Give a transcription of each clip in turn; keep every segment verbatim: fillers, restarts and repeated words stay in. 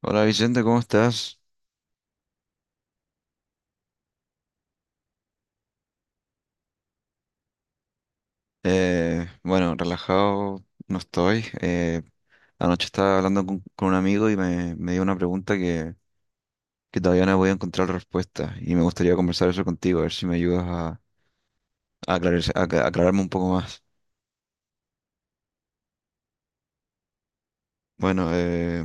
Hola Vicente, ¿cómo estás? Eh, bueno, relajado no estoy. Eh, anoche estaba hablando con, con un amigo y me, me dio una pregunta que, que todavía no voy a encontrar respuesta y me gustaría conversar eso contigo, a ver si me ayudas a, a aclarar- a acla- aclararme un poco más. Bueno, eh,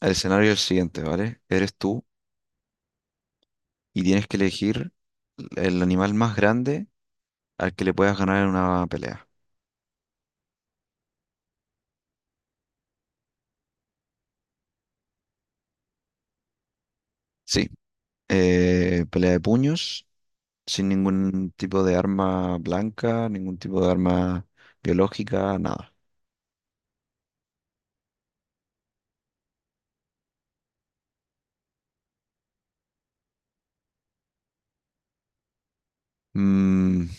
el escenario es el siguiente, ¿vale? Eres tú y tienes que elegir el animal más grande al que le puedas ganar en una pelea. Sí, eh, pelea de puños sin ningún tipo de arma blanca, ningún tipo de arma biológica, nada. Mm,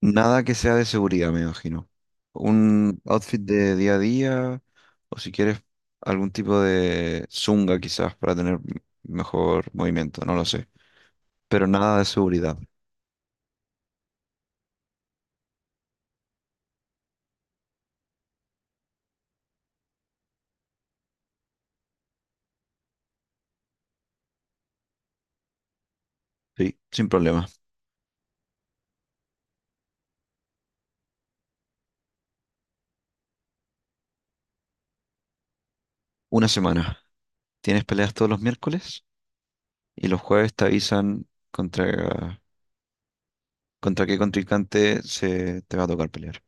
Nada que sea de seguridad, me imagino. Un outfit de día a día, o si quieres, algún tipo de zunga quizás para tener mejor movimiento, no lo sé. Pero nada de seguridad, sí, sin problema. Una semana. Tienes peleas todos los miércoles y los jueves te avisan contra, contra qué contrincante se te va a tocar pelear.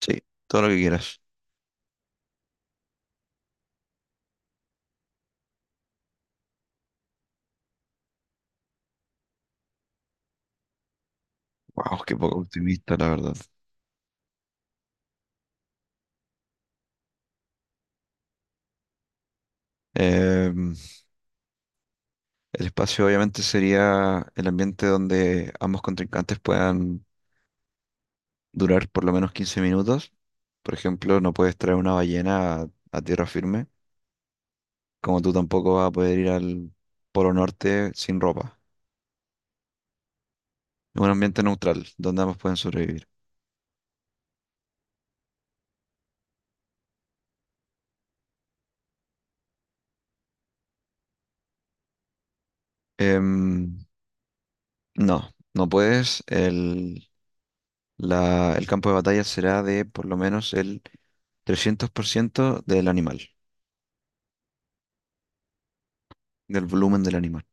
Sí, todo lo que quieras. Wow, qué poco optimista, la verdad. Em, el espacio obviamente sería el ambiente donde ambos contrincantes puedan durar por lo menos quince minutos. Por ejemplo, no puedes traer una ballena a, a tierra firme, como tú tampoco vas a poder ir al Polo Norte sin ropa. Es un ambiente neutral, donde ambos pueden sobrevivir. Em, no, no puedes. El, la- el campo de batalla será de por lo menos el trescientos por ciento del animal, del volumen del animal.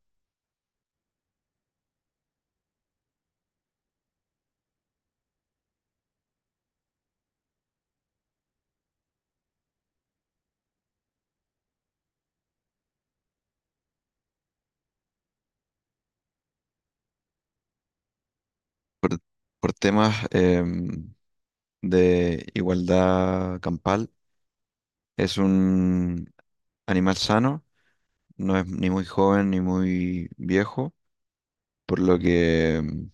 Por temas em, de igualdad campal. Es un animal sano, no es ni muy joven ni muy viejo, por lo que em,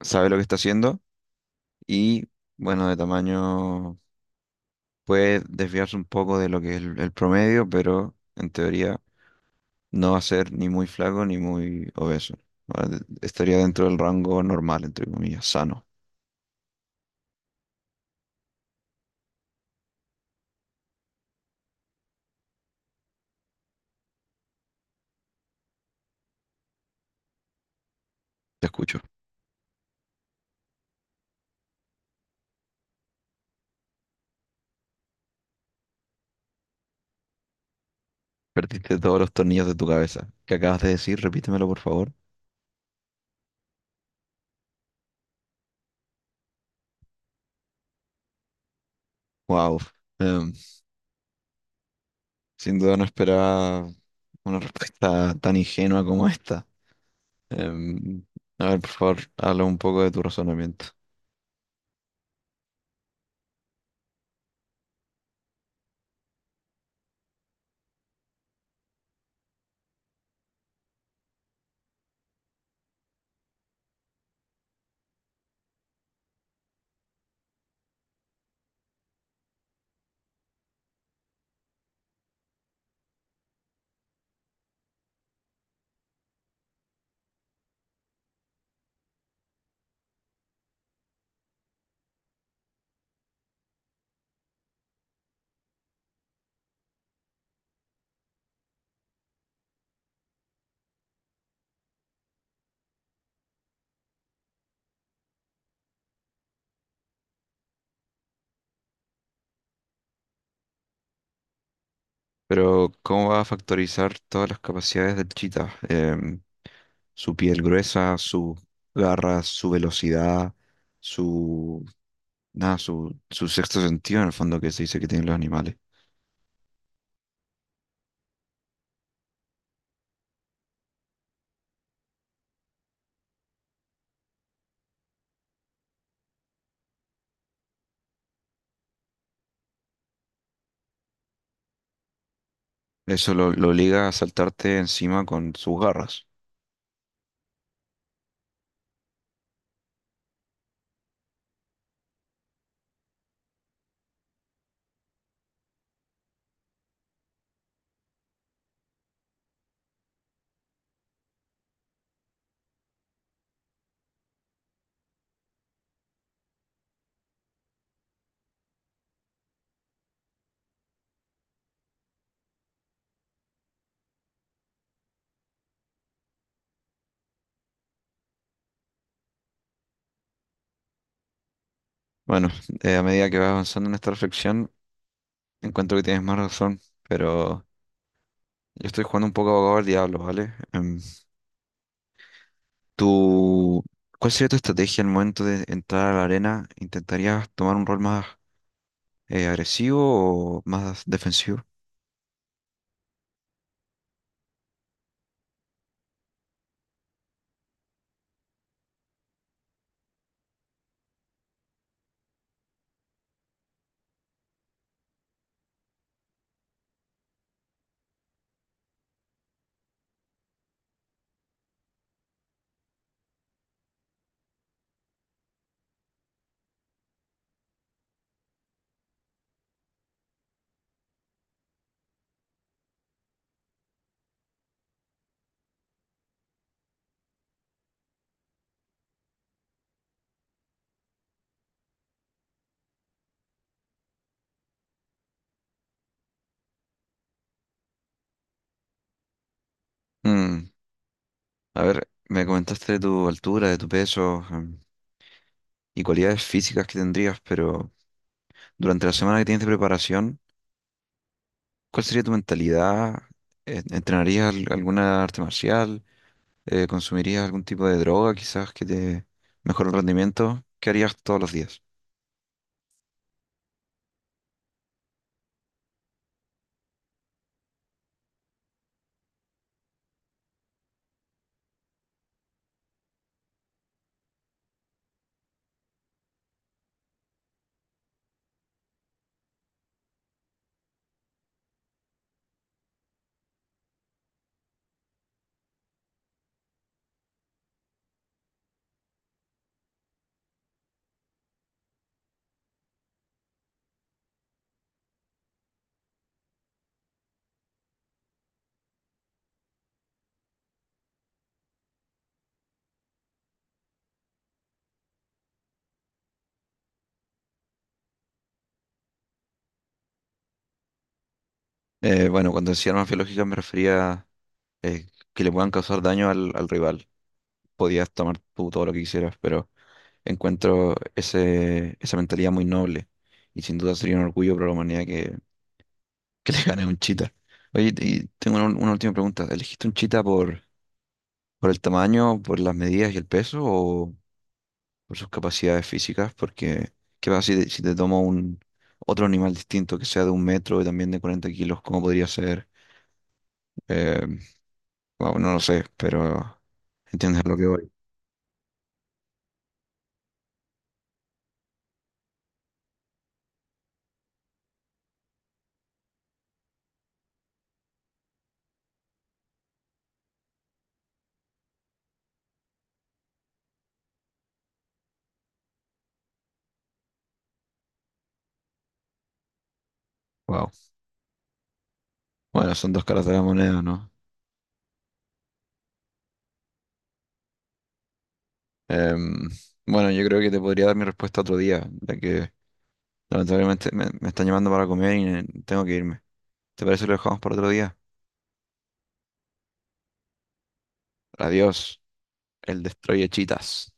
sabe lo que está haciendo y, bueno, de tamaño puede desviarse un poco de lo que es el, el promedio, pero en teoría no va a ser ni muy flaco ni muy obeso. ¿Vale? Estaría dentro del rango normal, entre comillas, sano. Te escucho. Perdiste todos los tornillos de tu cabeza. ¿Qué acabas de decir? Repítemelo, por favor. Wow, em, sin duda no esperaba una respuesta tan ingenua como esta. Em, a ver, por favor, habla un poco de tu razonamiento. Pero, ¿cómo va a factorizar todas las capacidades del chita? Em, su piel gruesa, sus garras, su velocidad, su, nada, su, su sexto sentido, en el fondo, que se dice que tienen los animales. Eso lo, lo obliga a saltarte encima con sus garras. Bueno, eh, a medida que vas avanzando en esta reflexión, encuentro que tienes más razón, pero yo estoy jugando un poco abogado al diablo, ¿vale? Em, tú, ¿Cuál sería tu estrategia al momento de entrar a la arena? ¿Intentarías tomar un rol más eh, agresivo o más defensivo? Mm, a ver, me comentaste de tu altura, de tu peso, em, y cualidades físicas que tendrías, pero durante la semana que tienes de preparación, ¿cuál sería tu mentalidad? Eh, ¿Entrenarías al- alguna arte marcial? Eh, ¿consumirías algún tipo de droga quizás que te mejore el rendimiento? ¿Qué harías todos los días? Eh, bueno, cuando decía armas biológicas me refería eh, que le puedan causar daño al, al rival. Podías tomar tú todo lo que quisieras, pero encuentro ese, esa mentalidad muy noble y sin duda sería un orgullo para la humanidad que, que le gane a un chita. Oye, y tengo una, una última pregunta. ¿Elegiste un chita por, por el tamaño, por las medidas y el peso o por sus capacidades físicas? Porque ¿qué pasa si te, si te tomo un otro animal distinto que sea de un metro y también de cuarenta kilos? ¿Cómo podría ser? Eh, wow, no lo sé, pero entiendes a lo que voy. Wow. Bueno, son dos caras de la moneda, ¿no? Em, bueno, yo creo que te podría dar mi respuesta otro día, ya que lamentablemente me, me están llamando para comer y eh, tengo que irme. ¿Te parece que lo dejamos para otro día? Adiós, el destruye chitas.